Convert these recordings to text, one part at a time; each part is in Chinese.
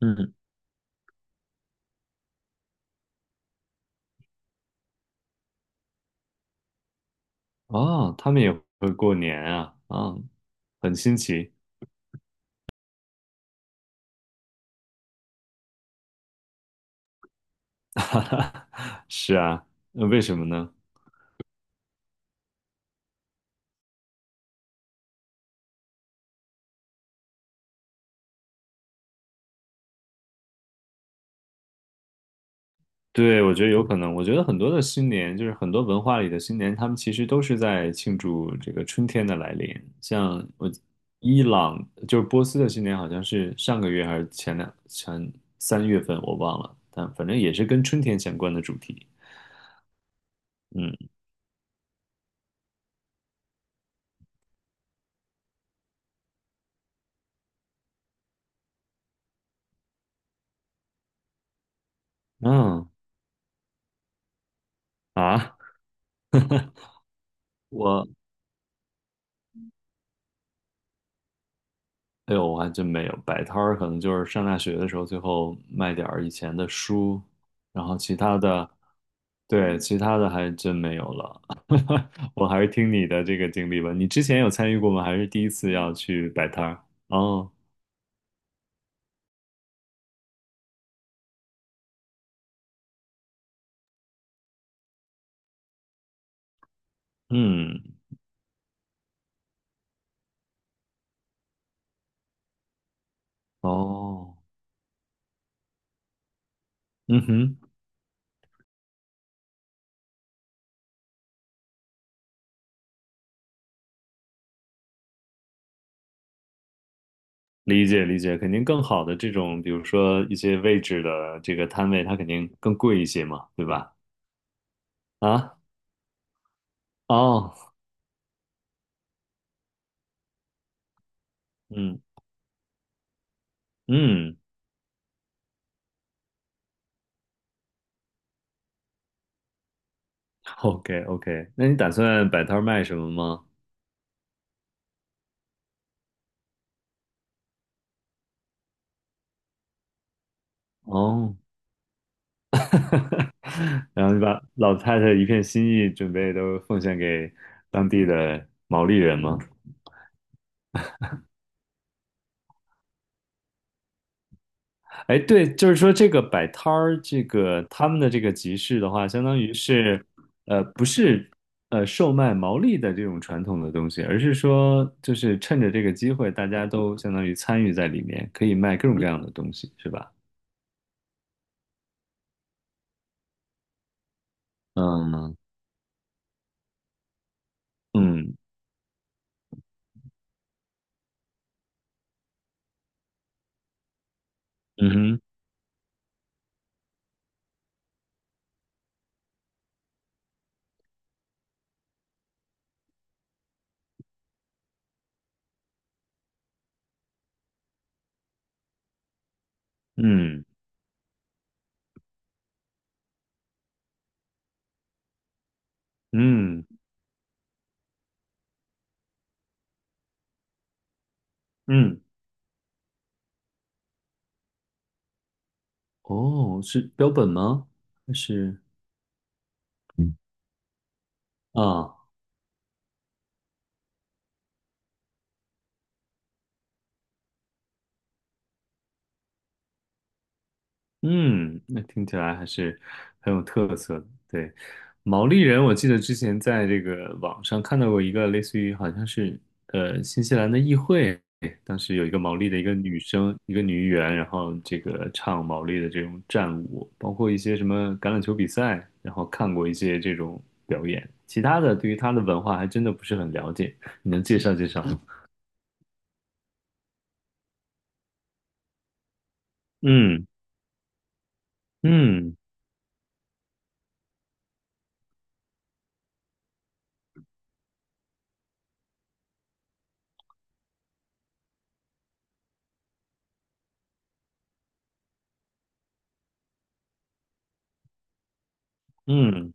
嗯，哦，他们也会过年啊，啊，很新奇，哈哈是啊，那为什么呢？对，我觉得有可能，我觉得很多的新年，就是很多文化里的新年，他们其实都是在庆祝这个春天的来临。像我伊朗，就是波斯的新年，好像是上个月还是前两前三月份，我忘了，但反正也是跟春天相关的主题。嗯嗯啊，我。哎呦，我还真没有摆摊儿，可能就是上大学的时候，最后卖点儿以前的书，然后其他的，对，其他的还真没有了。我还是听你的这个经历吧。你之前有参与过吗？还是第一次要去摆摊儿？哦，嗯，哦，嗯哼，理解理解，肯定更好的这种，比如说一些位置的这个摊位，它肯定更贵一些嘛，对吧？啊，哦，嗯嗯。OK OK，那你打算摆摊儿卖什么吗？哦，然后你把老太太一片心意准备都奉献给当地的毛利人吗？哎，对，就是说这个摆摊儿，这个他们的这个集市的话，相当于是，不是售卖毛利的这种传统的东西，而是说就是趁着这个机会，大家都相当于参与在里面，可以卖各种各样的东西，是吧？嗯嗯嗯哼嗯嗯嗯。哦，是标本吗？还是嗯啊？嗯，那听起来还是很有特色的。对，毛利人，我记得之前在这个网上看到过一个类似于好像是新西兰的议会，当时有一个毛利的一个女生，一个女议员，然后这个唱毛利的这种战舞，包括一些什么橄榄球比赛，然后看过一些这种表演。其他的对于他的文化还真的不是很了解，你能介绍介绍吗？嗯嗯。嗯，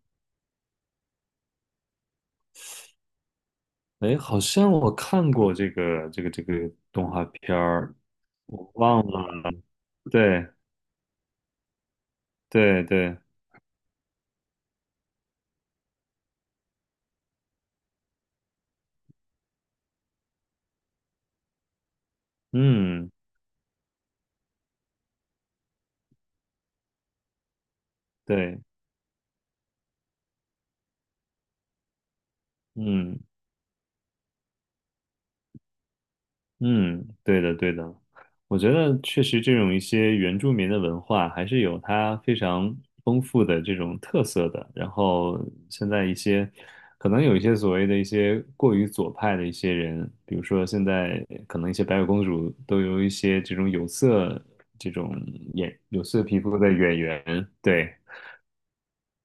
哎，好像我看过这个动画片儿，我忘了。对对对，嗯，对，嗯，嗯，对的，对的，我觉得确实这种一些原住民的文化还是有它非常丰富的这种特色的。然后现在一些可能有一些所谓的一些过于左派的一些人，比如说现在可能一些白雪公主都有一些这种有色这种眼有色皮肤的演员，对，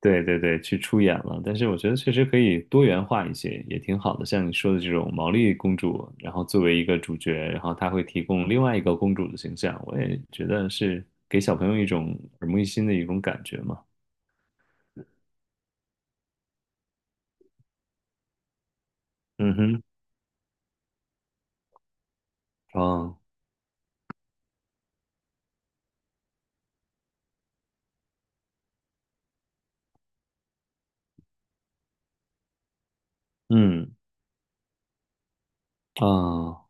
对对对，去出演了。但是我觉得确实可以多元化一些，也挺好的。像你说的这种毛利公主，然后作为一个主角，然后她会提供另外一个公主的形象，我也觉得是给小朋友一种耳目一新的一种感觉嘛。嗯哼，啊，嗯，啊，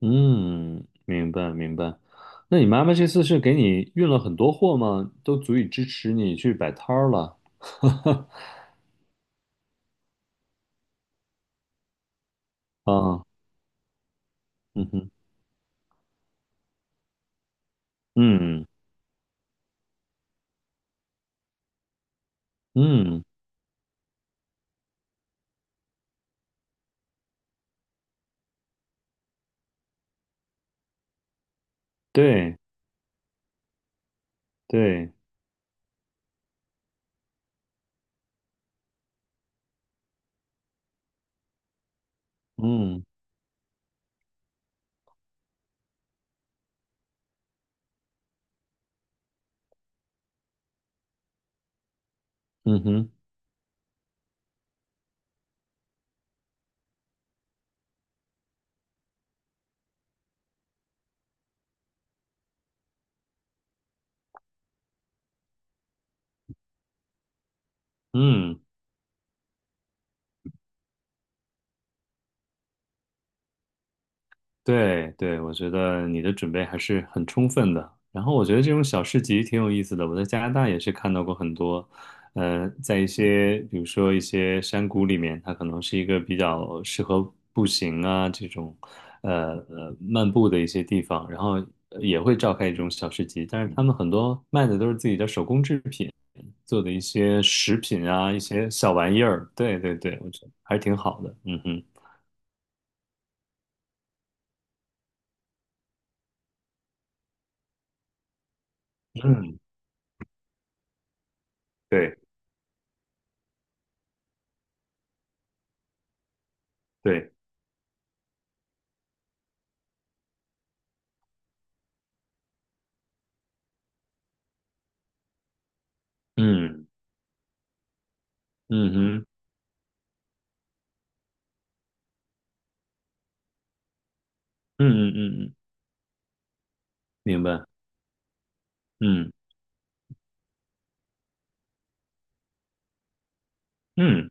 嗯，明白明白。那你妈妈这次是给你运了很多货吗？都足以支持你去摆摊儿了。啊，嗯哼，嗯嗯，对对。嗯嗯哼，嗯，对对，我觉得你的准备还是很充分的。然后我觉得这种小市集挺有意思的，我在加拿大也是看到过很多，在一些比如说一些山谷里面，它可能是一个比较适合步行啊这种，漫步的一些地方，然后也会召开一种小市集，但是他们很多卖的都是自己的手工制品，做的一些食品啊，一些小玩意儿。对对对，我觉得还是挺好的。嗯哼。对。对，嗯嗯哼，嗯嗯嗯嗯，明白，嗯嗯，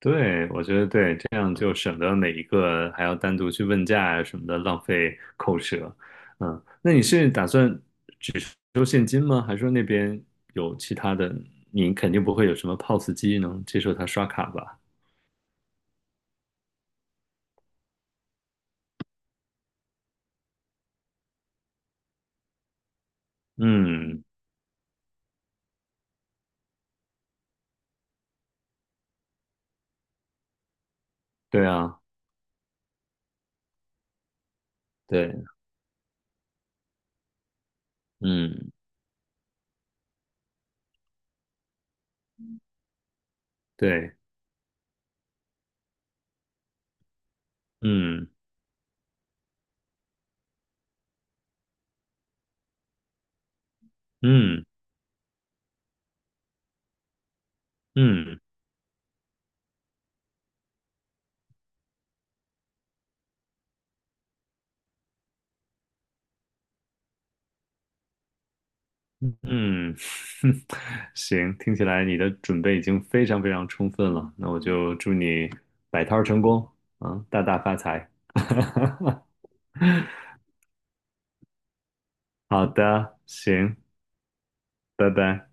对，我觉得对，这样就省得每一个还要单独去问价啊什么的，浪费口舌。嗯，那你是打算收现金吗？还是说那边有其他的？你肯定不会有什么 POS 机能接受他刷卡吧？嗯，对啊，对，嗯，对，嗯嗯嗯。嗯，行，听起来你的准备已经非常非常充分了，那我就祝你摆摊儿成功，啊，大大发财。好的，行，拜拜。